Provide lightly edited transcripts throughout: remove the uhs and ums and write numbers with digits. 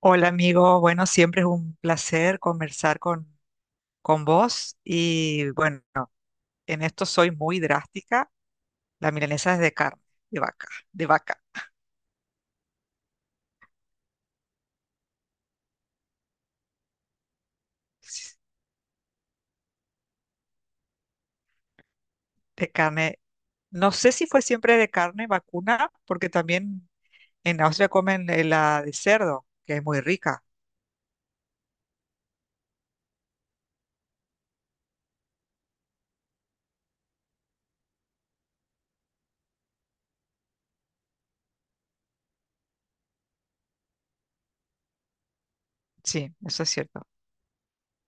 Hola amigo, bueno, siempre es un placer conversar con vos y bueno, en esto soy muy drástica. La milanesa es de carne, de vaca, de vaca, de carne. No sé si fue siempre de carne vacuna, porque también en Austria comen la de cerdo, que es muy rica. Sí, eso es cierto.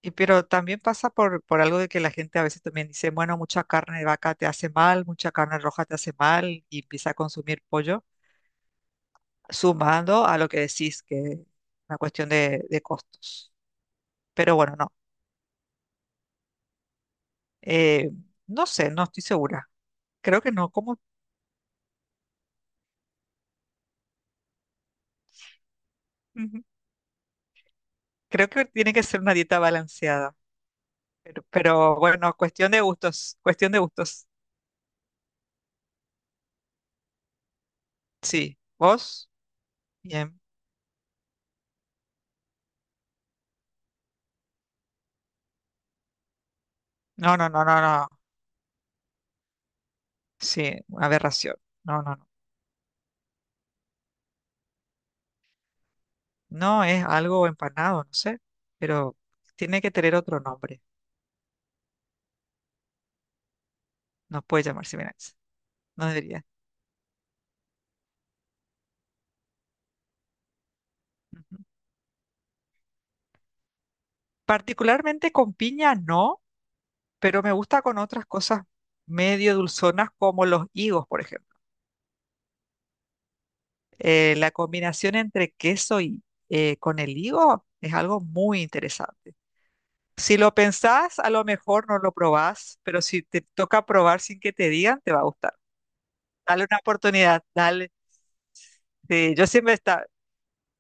Y pero también pasa por algo de que la gente a veces también dice, bueno, mucha carne de vaca te hace mal, mucha carne roja te hace mal y empieza a consumir pollo, sumando a lo que decís, que es una cuestión de costos. Pero bueno, no. eh, no sé, no estoy segura. Creo que no, como, ujú, creo que tiene que ser una dieta balanceada. Pero bueno, cuestión de gustos, cuestión de gustos. Sí, vos, bien. No, no, no, no, no. Sí, una aberración. No, no, no. No es algo empanado, no sé, pero tiene que tener otro nombre. No puede llamarse milanesa. No debería. Ujú. Particularmente con piña, no, pero me gusta con otras cosas medio dulzonas como los higos, por ejemplo. La combinación entre queso y con el higo es algo muy interesante. Si lo pensás, a lo mejor no lo probás, pero si te toca probar sin que te digan, te va a gustar. Dale una oportunidad, dale. Sí,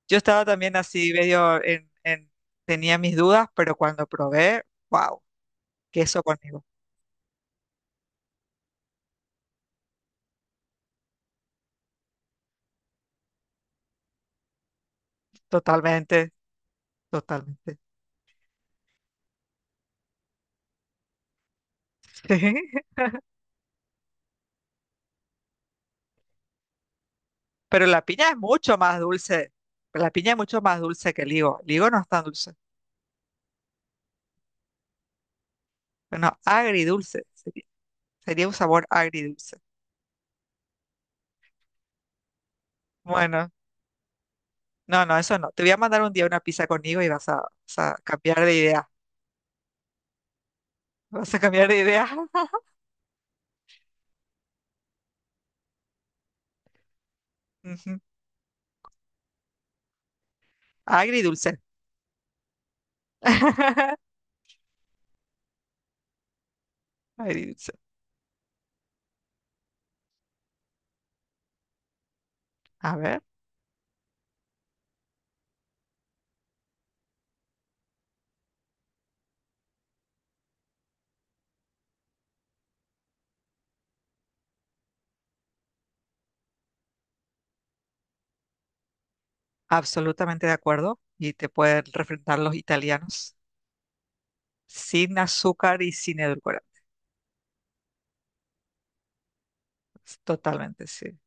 yo estaba también así medio tenía mis dudas, pero cuando probé, wow, queso con higo. Totalmente, totalmente. Pero la piña es mucho más dulce. La piña es mucho más dulce que el higo. El higo no es tan dulce. Bueno, agridulce. Sería, sería un sabor agridulce. Bueno, no, no, eso no. Te voy a mandar un día una pizza con higo y vas a cambiar de idea. Vas a cambiar de idea. Ujú. Agridulce. Agridulce. A ver, absolutamente de acuerdo. Y te pueden refrentar los italianos. Sin azúcar y sin edulcorantes. Totalmente, sí.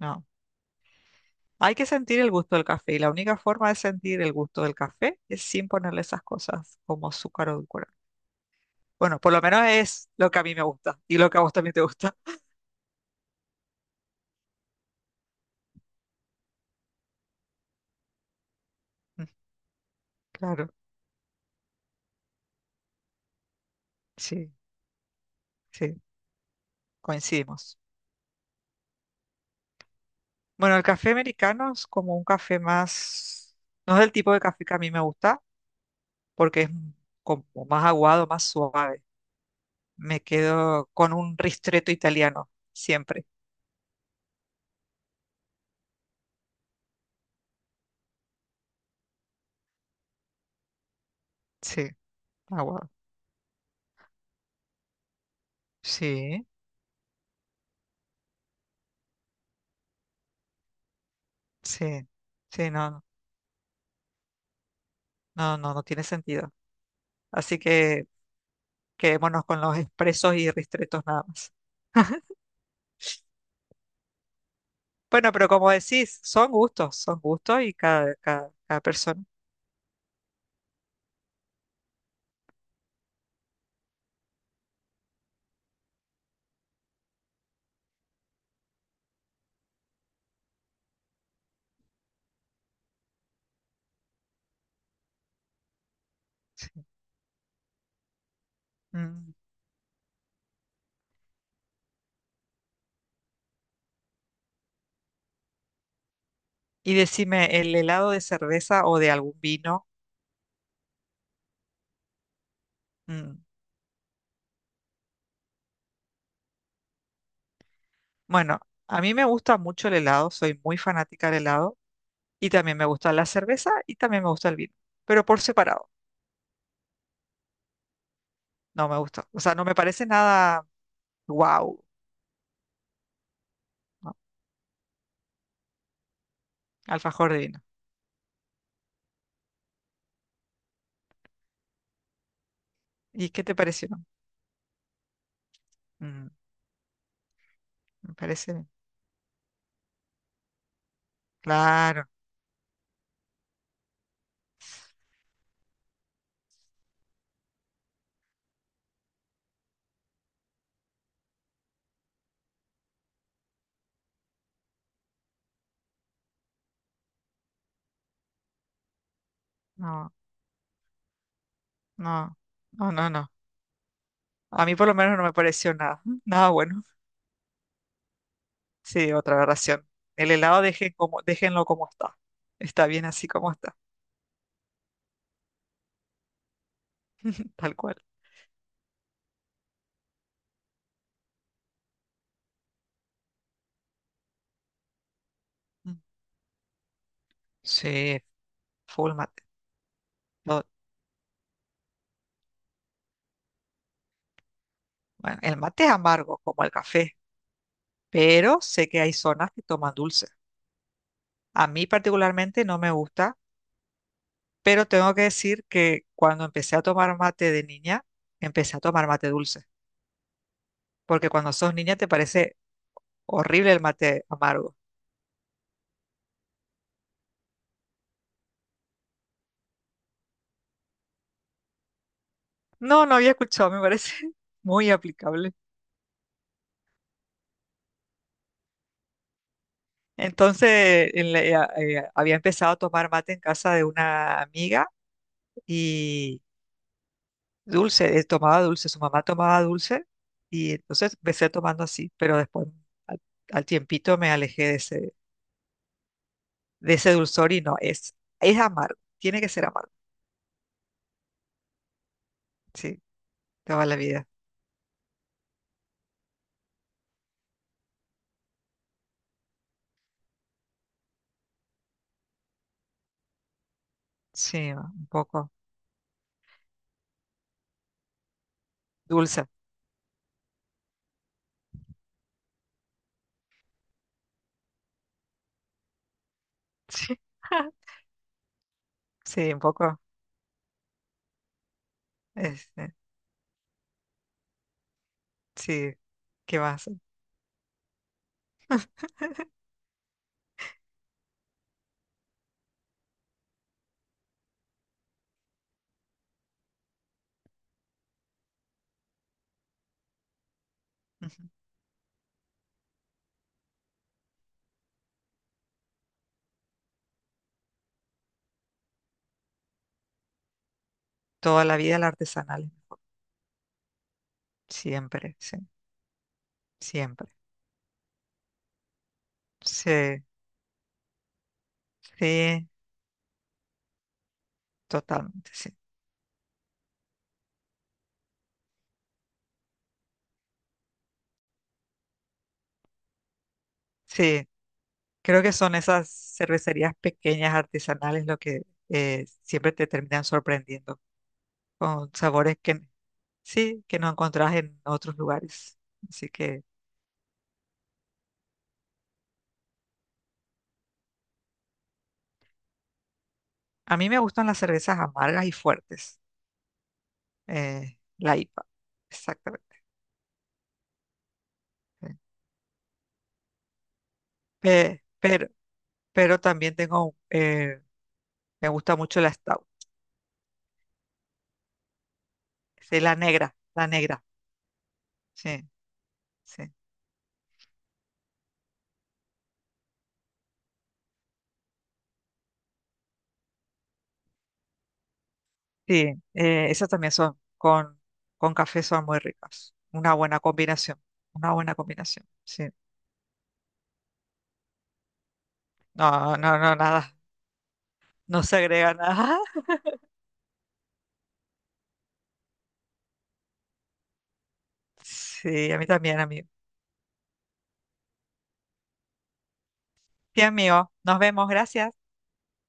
No. Hay que sentir el gusto del café y la única forma de sentir el gusto del café es sin ponerle esas cosas como azúcar o edulcorante. Bueno, por lo menos es lo que a mí me gusta y lo que a vos también te gusta. Mm, claro, sí, sí, coincidimos. Bueno, el café americano es como un café más, no es el tipo de café que a mí me gusta porque como más aguado, más suave. Me quedo con un ristretto italiano, siempre. Sí, aguado. Sí, sí, sí, no, no, no, no tiene sentido. Así que quedémonos con los expresos y ristretos nada más. Bueno, pero como decís, son gustos y cada persona. Sí. Mm. Y decime, ¿el helado de cerveza o de algún vino? Mm. Bueno, a mí me gusta mucho el helado, soy muy fanática del helado y también me gusta la cerveza y también me gusta el vino, pero por separado, no me gusta. O sea, no me parece nada wow, alfajor de vino. ¿Y qué te pareció? Mm, me parece, claro, no. No, no, no, no. A mí por lo menos no me pareció nada, nada bueno. Sí, otra aberración. El helado dejen como, déjenlo como está. Está bien así como está, tal cual. Mm. Sí, full mate. No, bueno, el mate es amargo, como el café, pero sé que hay zonas que toman dulce. A mí particularmente no me gusta, pero tengo que decir que cuando empecé a tomar mate de niña, empecé a tomar mate dulce, porque cuando sos niña te parece horrible el mate amargo. No, no había escuchado, me parece muy aplicable. Entonces, había empezado a tomar mate en casa de una amiga y dulce, tomaba dulce, su mamá tomaba dulce y entonces empecé tomando así, pero después al, al tiempito me alejé de ese dulzor y no, es amargo, tiene que ser amargo, sí, toda la vida, sí, ¿no? Un poco dulce, sí, sí, un poco, este, sí, ¿qué más? Ujú. Toda la vida la artesanal. Siempre, sí, siempre. Sí, sí, totalmente, sí. Sí, creo que son esas cervecerías pequeñas, artesanales, lo que siempre te terminan sorprendiendo con sabores que sí, que no encontrás en otros lugares. Así que a mí me gustan las cervezas amargas y fuertes, la IPA, exactamente. Sí. Pe- pero, pero también tengo, me gusta mucho la Stout, sí, la negra, sí. Sí. Sí, esas también son, con café son muy ricas. Una buena combinación, sí. No, no, no, nada. No se agrega nada. Sí, a mí también, amigo. Sí, amigo. Nos vemos. Gracias.